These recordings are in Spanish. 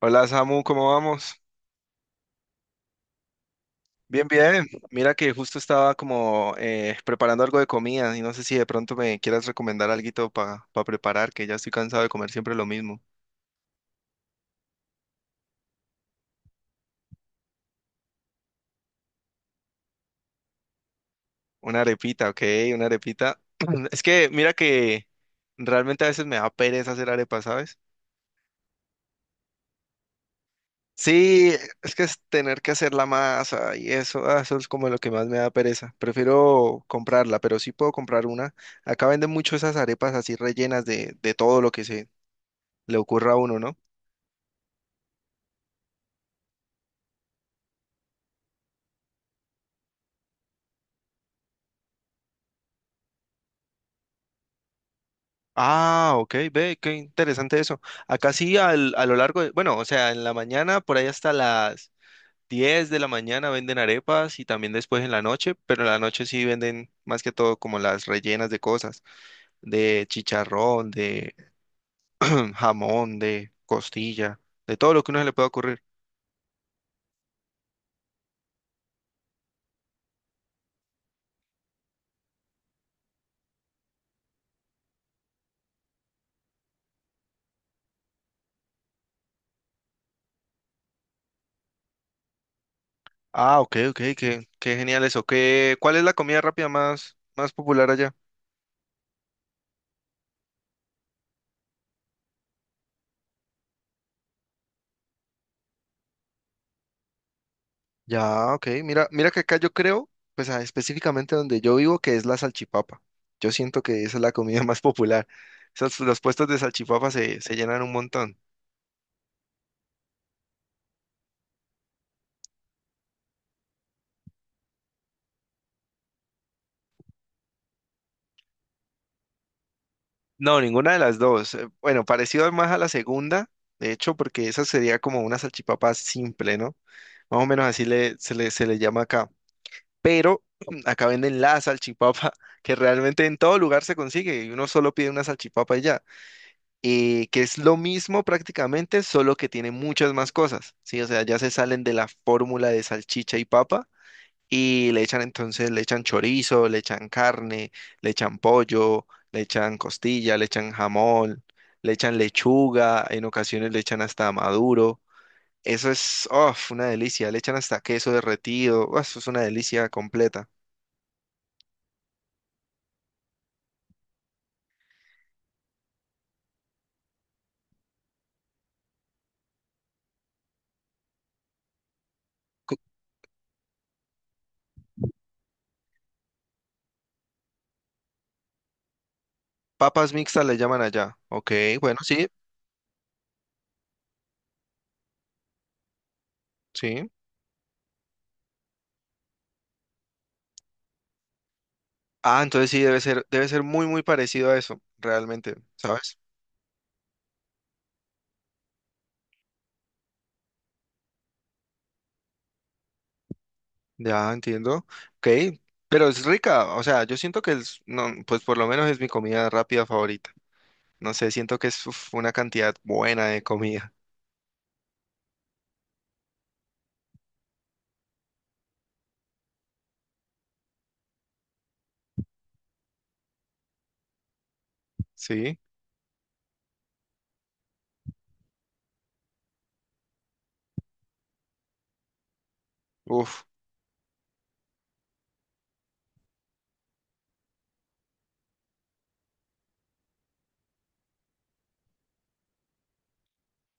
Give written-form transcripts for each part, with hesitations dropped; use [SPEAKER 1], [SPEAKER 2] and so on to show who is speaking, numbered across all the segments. [SPEAKER 1] Hola Samu, ¿cómo vamos? Bien, bien. Mira que justo estaba como preparando algo de comida y no sé si de pronto me quieras recomendar alguito para preparar, que ya estoy cansado de comer siempre lo mismo. Una arepita, ok, una arepita. Es que mira que realmente a veces me da pereza hacer arepa, ¿sabes? Sí, es que es tener que hacer la masa y eso, eso es como lo que más me da pereza. Prefiero comprarla, pero sí puedo comprar una. Acá venden mucho esas arepas así rellenas de todo lo que se le ocurra a uno, ¿no? Ah, ok, ve, qué interesante eso. Acá sí, a lo largo de, bueno, o sea, en la mañana, por ahí hasta las 10 de la mañana venden arepas y también después en la noche, pero en la noche sí venden más que todo como las rellenas de cosas, de chicharrón, de jamón, de costilla, de todo lo que a uno se le pueda ocurrir. Ah, ok, ok, qué genial eso. ¿ cuál es la comida rápida más, más popular allá? Ya, ok. Mira, mira que acá yo creo, pues específicamente donde yo vivo, que es la salchipapa. Yo siento que esa es la comida más popular. Esas, los puestos de salchipapa se llenan un montón. No, ninguna de las dos. Bueno, parecido más a la segunda, de hecho, porque esa sería como una salchipapa simple, ¿no? Más o menos así se le llama acá. Pero acá venden la salchipapa, que realmente en todo lugar se consigue y uno solo pide una salchipapa y ya. Que es lo mismo prácticamente, solo que tiene muchas más cosas, ¿sí? O sea, ya se salen de la fórmula de salchicha y papa y le echan entonces, le echan chorizo, le echan carne, le echan pollo, le echan costilla, le echan jamón, le echan lechuga, en ocasiones le echan hasta maduro. Eso es, uf, una delicia, le echan hasta queso derretido, uf, eso es una delicia completa. Cu- Papas mixtas le llaman allá. Ok, bueno, sí, sí. Ah, entonces sí, debe ser muy, muy parecido a eso, realmente, ¿sabes? Ya entiendo. Ok, pero es rica, o sea, yo siento que es, no, pues por lo menos es mi comida rápida favorita. No sé, siento que es uf, una cantidad buena de comida, ¿sí? Uf,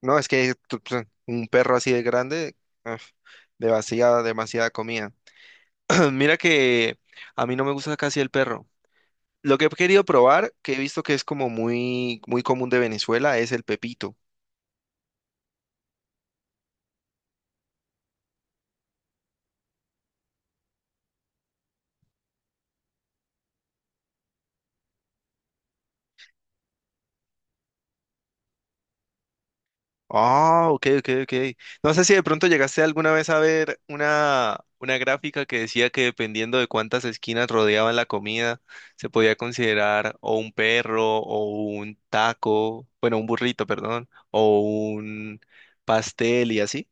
[SPEAKER 1] no, es que un perro así de grande, uf, demasiada, demasiada comida. Mira que a mí no me gusta casi el perro. Lo que he querido probar, que he visto que es como muy, muy común de Venezuela, es el pepito. Ah, ok, ok, ok. No sé si de pronto llegaste alguna vez a ver una gráfica que decía que dependiendo de cuántas esquinas rodeaban la comida, se podía considerar o un perro, o un taco, bueno, un burrito, perdón, o un pastel y así.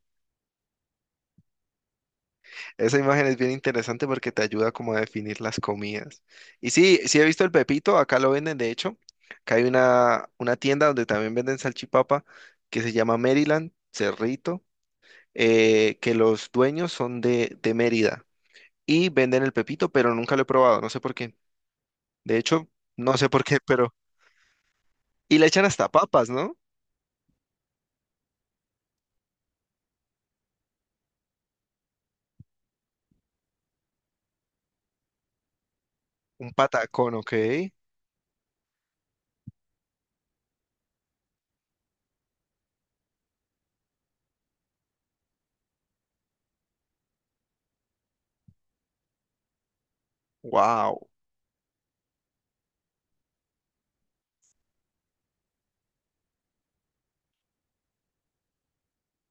[SPEAKER 1] Esa imagen es bien interesante porque te ayuda como a definir las comidas. Y sí, sí he visto el pepito, acá lo venden, de hecho. Acá hay una tienda donde también venden salchipapa que se llama Maryland, Cerrito. Que los dueños son de Mérida y venden el pepito, pero nunca lo he probado, no sé por qué. De hecho, no sé por qué, pero... Y le echan hasta papas, ¿no? Un patacón, ok. Wow.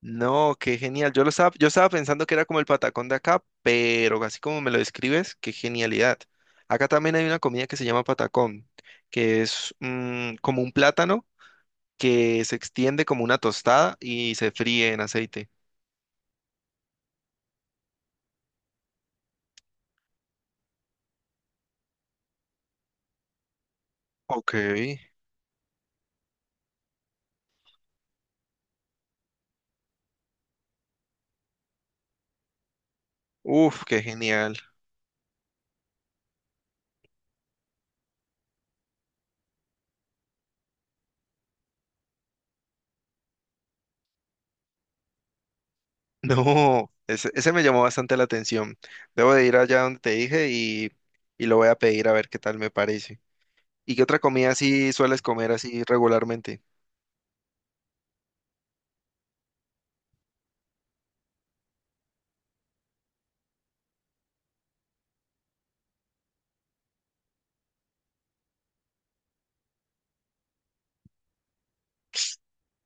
[SPEAKER 1] No, qué genial. Yo lo estaba, yo estaba pensando que era como el patacón de acá, pero así como me lo describes, qué genialidad. Acá también hay una comida que se llama patacón, que es como un plátano que se extiende como una tostada y se fríe en aceite. Ok. Uf, qué genial. No, ese me llamó bastante la atención. Debo de ir allá donde te dije y lo voy a pedir a ver qué tal me parece. ¿Y qué otra comida así sueles comer así regularmente?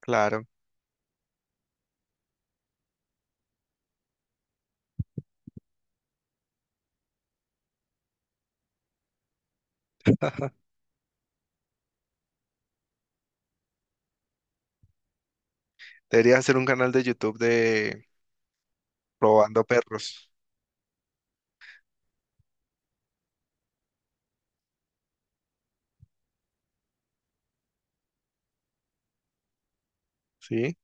[SPEAKER 1] Claro, deberías hacer un canal de YouTube de probando perros, ¿sí?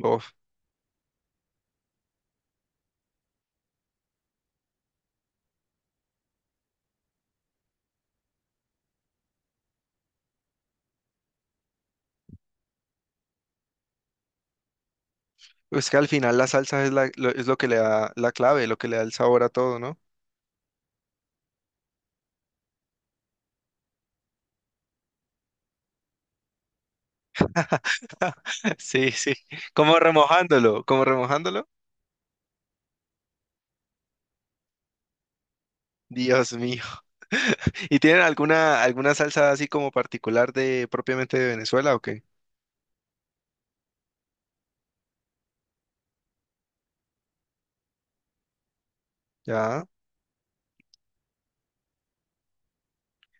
[SPEAKER 1] Uf, es que al final la salsa es, lo, es lo que le da la clave, lo que le da el sabor a todo, ¿no? Sí, sí, como remojándolo, como remojándolo. Dios mío. ¿Y tienen alguna salsa así como particular de propiamente de Venezuela o qué? Ya.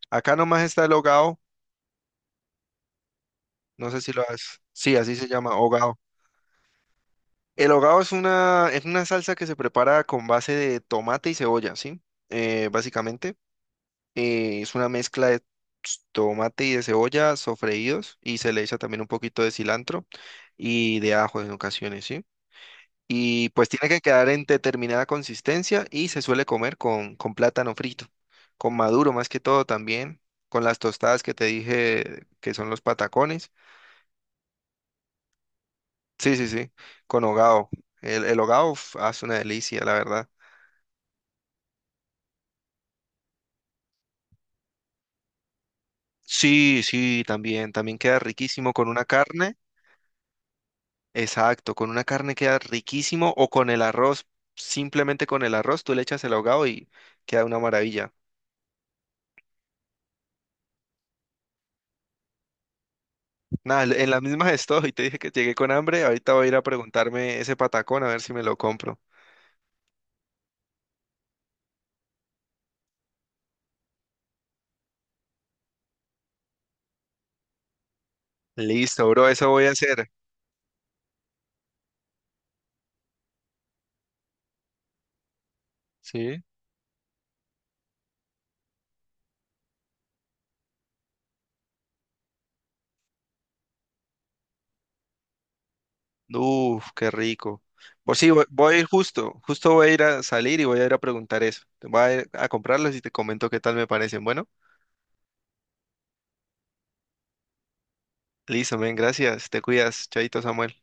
[SPEAKER 1] Acá nomás está el hogao, no sé si lo has. Sí, así se llama, hogao. El hogao es una salsa que se prepara con base de tomate y cebolla, ¿sí? Básicamente, es una mezcla de tomate y de cebolla sofreídos y se le echa también un poquito de cilantro y de ajo en ocasiones, ¿sí? Y pues tiene que quedar en determinada consistencia y se suele comer con plátano frito, con maduro más que todo también, con las tostadas que te dije que son los patacones. Sí, sí, sí, con hogao. El hogao uf, hace una delicia, la verdad. Sí, sí, también, también queda riquísimo con una carne. Exacto, con una carne queda riquísimo o con el arroz, simplemente con el arroz, tú le echas el ahogado y queda una maravilla. Nada, en las mismas estoy, te dije que llegué con hambre, ahorita voy a ir a preguntarme ese patacón a ver si me lo compro. Listo, bro, eso voy a hacer. Sí. Uf, qué rico. Pues sí, voy a ir justo, justo voy a ir a salir y voy a ir a preguntar eso. Voy a ir a comprarlos y te comento qué tal me parecen. Bueno, listo, men, gracias. Te cuidas, Chaito Samuel.